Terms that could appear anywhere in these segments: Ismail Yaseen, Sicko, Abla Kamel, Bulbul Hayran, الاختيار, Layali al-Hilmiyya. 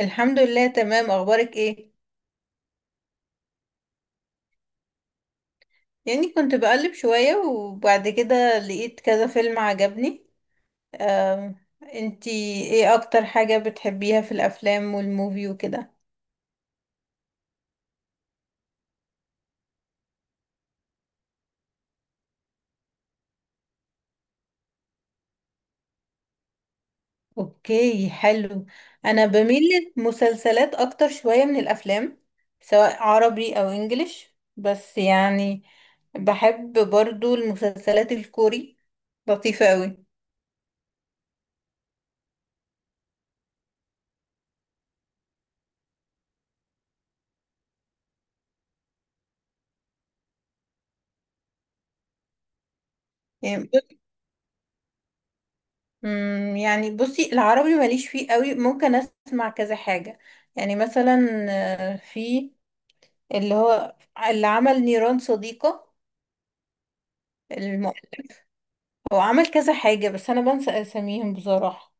الحمد لله، تمام. اخبارك ايه؟ يعني كنت بقلب شوية وبعد كده لقيت كذا فيلم عجبني. أم، انتي ايه اكتر حاجة بتحبيها في الافلام والموفي وكده؟ اوكي، حلو. انا بميل للمسلسلات اكتر شوية من الافلام، سواء عربي او انجليش، بس يعني بحب برضو المسلسلات الكوري، لطيفة قوي. يعني يعني بصي، العربي ماليش فيه قوي، ممكن اسمع كذا حاجة. يعني مثلا في اللي هو اللي عمل نيران صديقة. الم... هو عمل كذا حاجة، بس انا بنسى اساميهم بصراحة.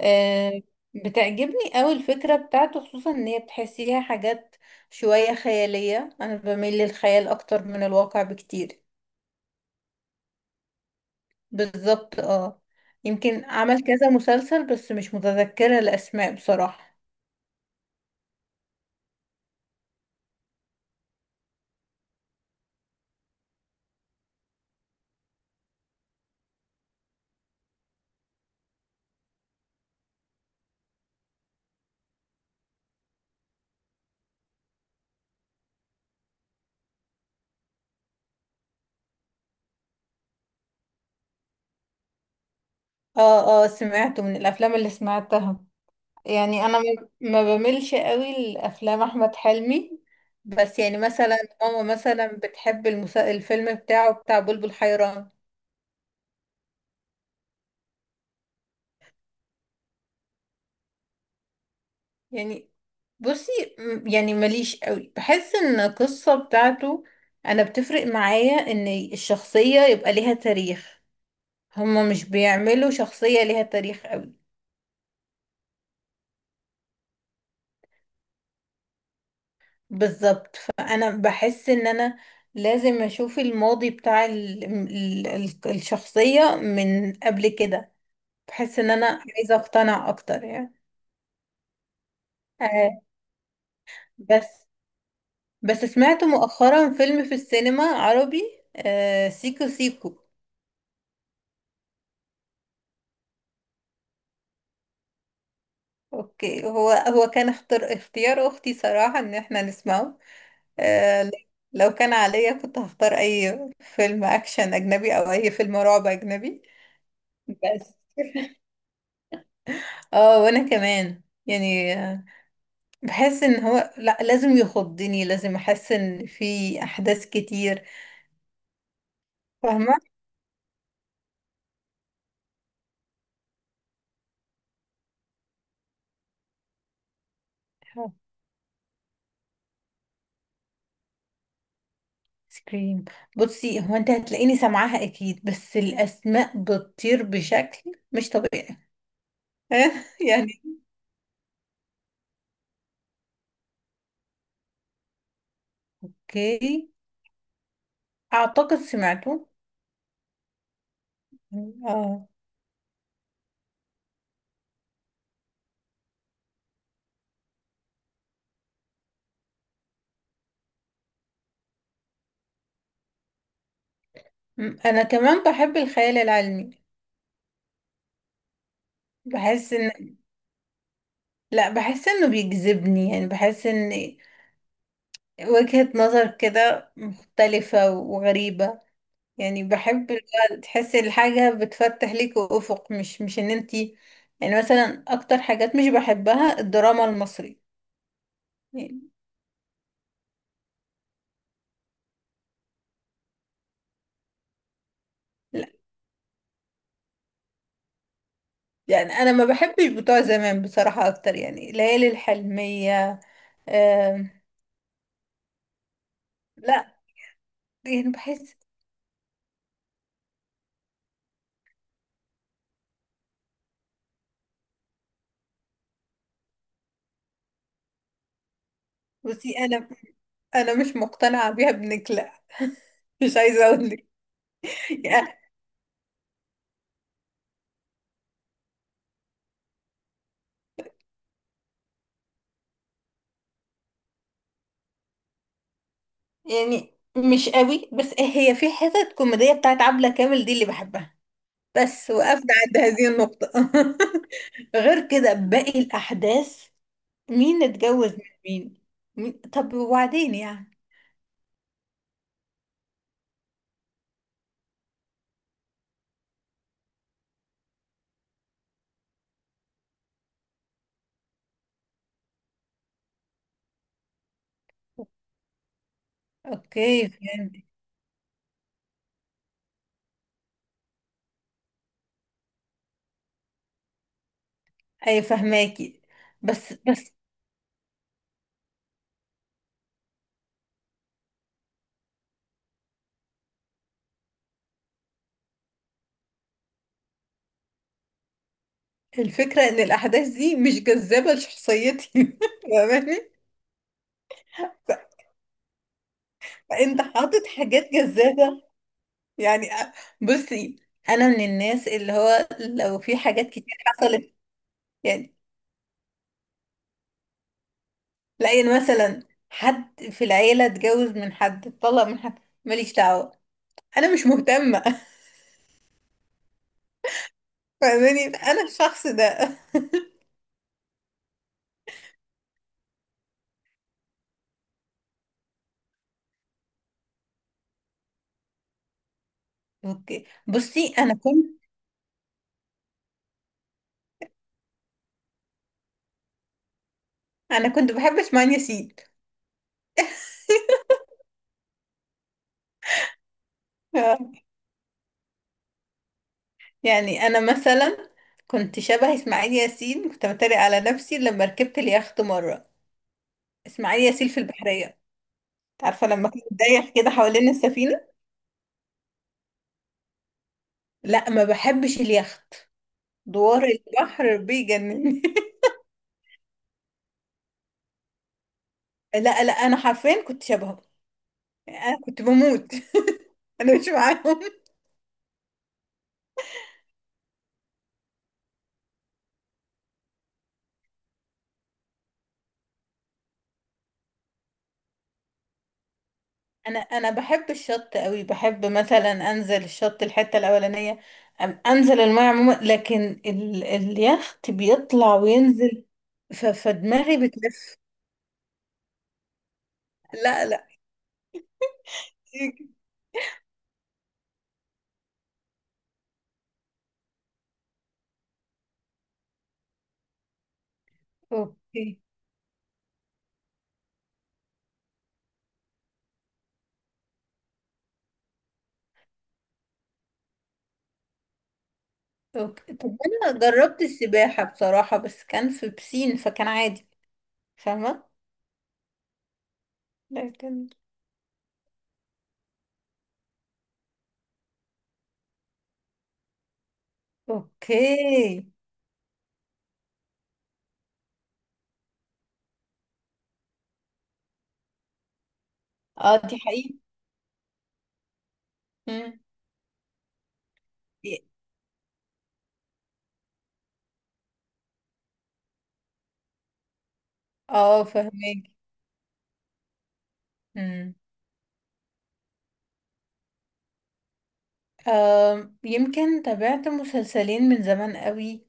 آه، بتعجبني قوي الفكرة بتاعته، خصوصا ان هي بتحسيها حاجات شوية خيالية. انا بميل للخيال اكتر من الواقع بكتير. بالظبط، اه. يمكن عمل كذا مسلسل بس مش متذكرة الاسماء بصراحة. اه، اه، سمعته من الافلام اللي سمعتها. يعني انا ما ما بملش قوي لافلام احمد حلمي، بس يعني مثلا ماما مثلا بتحب الفيلم بتاعه بتاع بلبل حيران. يعني بصي، يعني ماليش قوي، بحس ان القصة بتاعته، انا بتفرق معايا ان الشخصية يبقى ليها تاريخ. هما مش بيعملوا شخصية ليها تاريخ قوي. بالظبط، فانا بحس ان انا لازم اشوف الماضي بتاع الشخصية من قبل كده. بحس ان انا عايزة اقتنع اكتر يعني. آه. بس بس سمعت مؤخرا فيلم في السينما عربي. آه، سيكو سيكو. اوكي، هو هو كان اختيار اختي صراحة ان احنا نسمعه. آه. لو كان عليا كنت هختار اي فيلم اكشن اجنبي او اي فيلم رعب اجنبي. بس، اه وانا كمان يعني بحس ان هو، لا، لازم يخضني، لازم احس ان في احداث كتير. فاهمه. سكريم. بصي، هو انت هتلاقيني سامعاها اكيد، بس الاسماء بتطير بشكل مش طبيعي. يعني. اوكي. اعتقد سمعته، اه. انا كمان بحب الخيال العلمي. بحس ان لا، بحس انه بيجذبني. يعني بحس ان وجهة نظر كده مختلفة وغريبة. يعني بحب تحسي الحاجة بتفتح ليك أفق، مش ان انتي. يعني مثلا اكتر حاجات مش بحبها الدراما المصري. يعني، لا، يعني انا ما بحبش بتوع زمان بصراحة اكتر، يعني ليالي الحلمية. آم، لا، يعني بحس. بصي، انا مش مقتنعة بيها، ابنك لا. مش عايزة اقولك. يعني يعني مش قوي، بس هي في حتة كوميدية بتاعت عبلة كامل دي اللي بحبها. بس وقفنا عند هذه النقطة. غير كده باقي الأحداث، مين اتجوز من مين، طب وبعدين يعني؟ أوكي، فهمت. أي، فهماكي. بس بس الفكرة إن الأحداث دي مش جذابة لشخصيتي. فاهماني؟ ف- فأنت حاطط حاجات جذابة، يعني. بصي، أنا من الناس اللي هو لو في حاجات كتير حصلت، يعني لاقي مثلا حد في العيلة اتجوز من حد، اتطلق من حد، ماليش دعوة. أنا مش مهتمة. فاهماني انا الشخص ده. اوكي، بصي، انا كنت بحب اسماعيل ياسين. يعني انا مثلا كنت شبه اسماعيل ياسين، كنت بتريق على نفسي لما ركبت اليخت مره. اسماعيل ياسين في البحريه، انت عارفه لما كان دايخ كده حوالين السفينه؟ لا، ما بحبش اليخت. دوار البحر بيجنني. لا لا، انا حرفيا كنت شبهه، يعني انا كنت بموت. انا مش معاهم. انا بحب الشط قوي، بحب مثلا انزل الشط الحته الاولانيه. انزل الميه عموما، لكن اليخت بيطلع وينزل، فدماغي بتلف. لا لا. اوكي اوكي، طب انا جربت السباحه بصراحه، بس كان في بسين فكان عادي. فاهمه؟ لكن اوكي. اه، دي حقيقة. مم. اه، فهمك. يمكن تابعت مسلسلين من زمان قوي.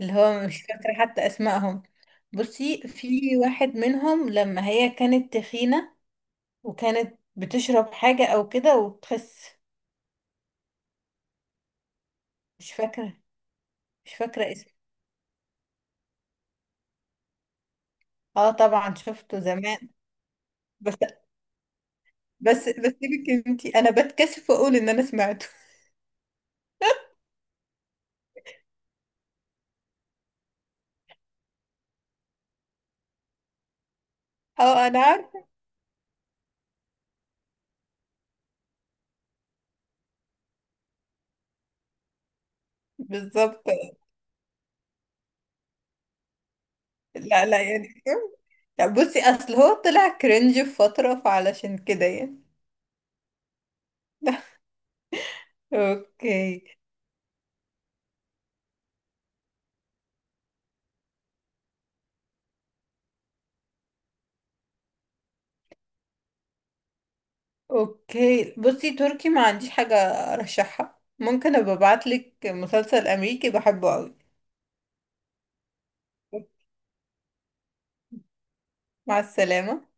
اللي هو مش فاكرة حتى اسمائهم. بصي، في واحد منهم لما هي كانت تخينة وكانت بتشرب حاجة او كده وبتخس. مش فاكرة مش فاكرة اسمه. اه، طبعا شفته زمان. بس بس بس، سيبك انتي، انا بتكسف اقول ان انا سمعته. اه، انا عارفة. بالظبط. لا لا، يعني لا، بصي، اصل هو طلع كرنج في فترة، فعلشان كده يعني. اوكي اوكي، بصي، تركي ما عنديش حاجة ارشحها، ممكن ابقى ابعتلك مسلسل امريكي بحبه قوي. مع السلامة.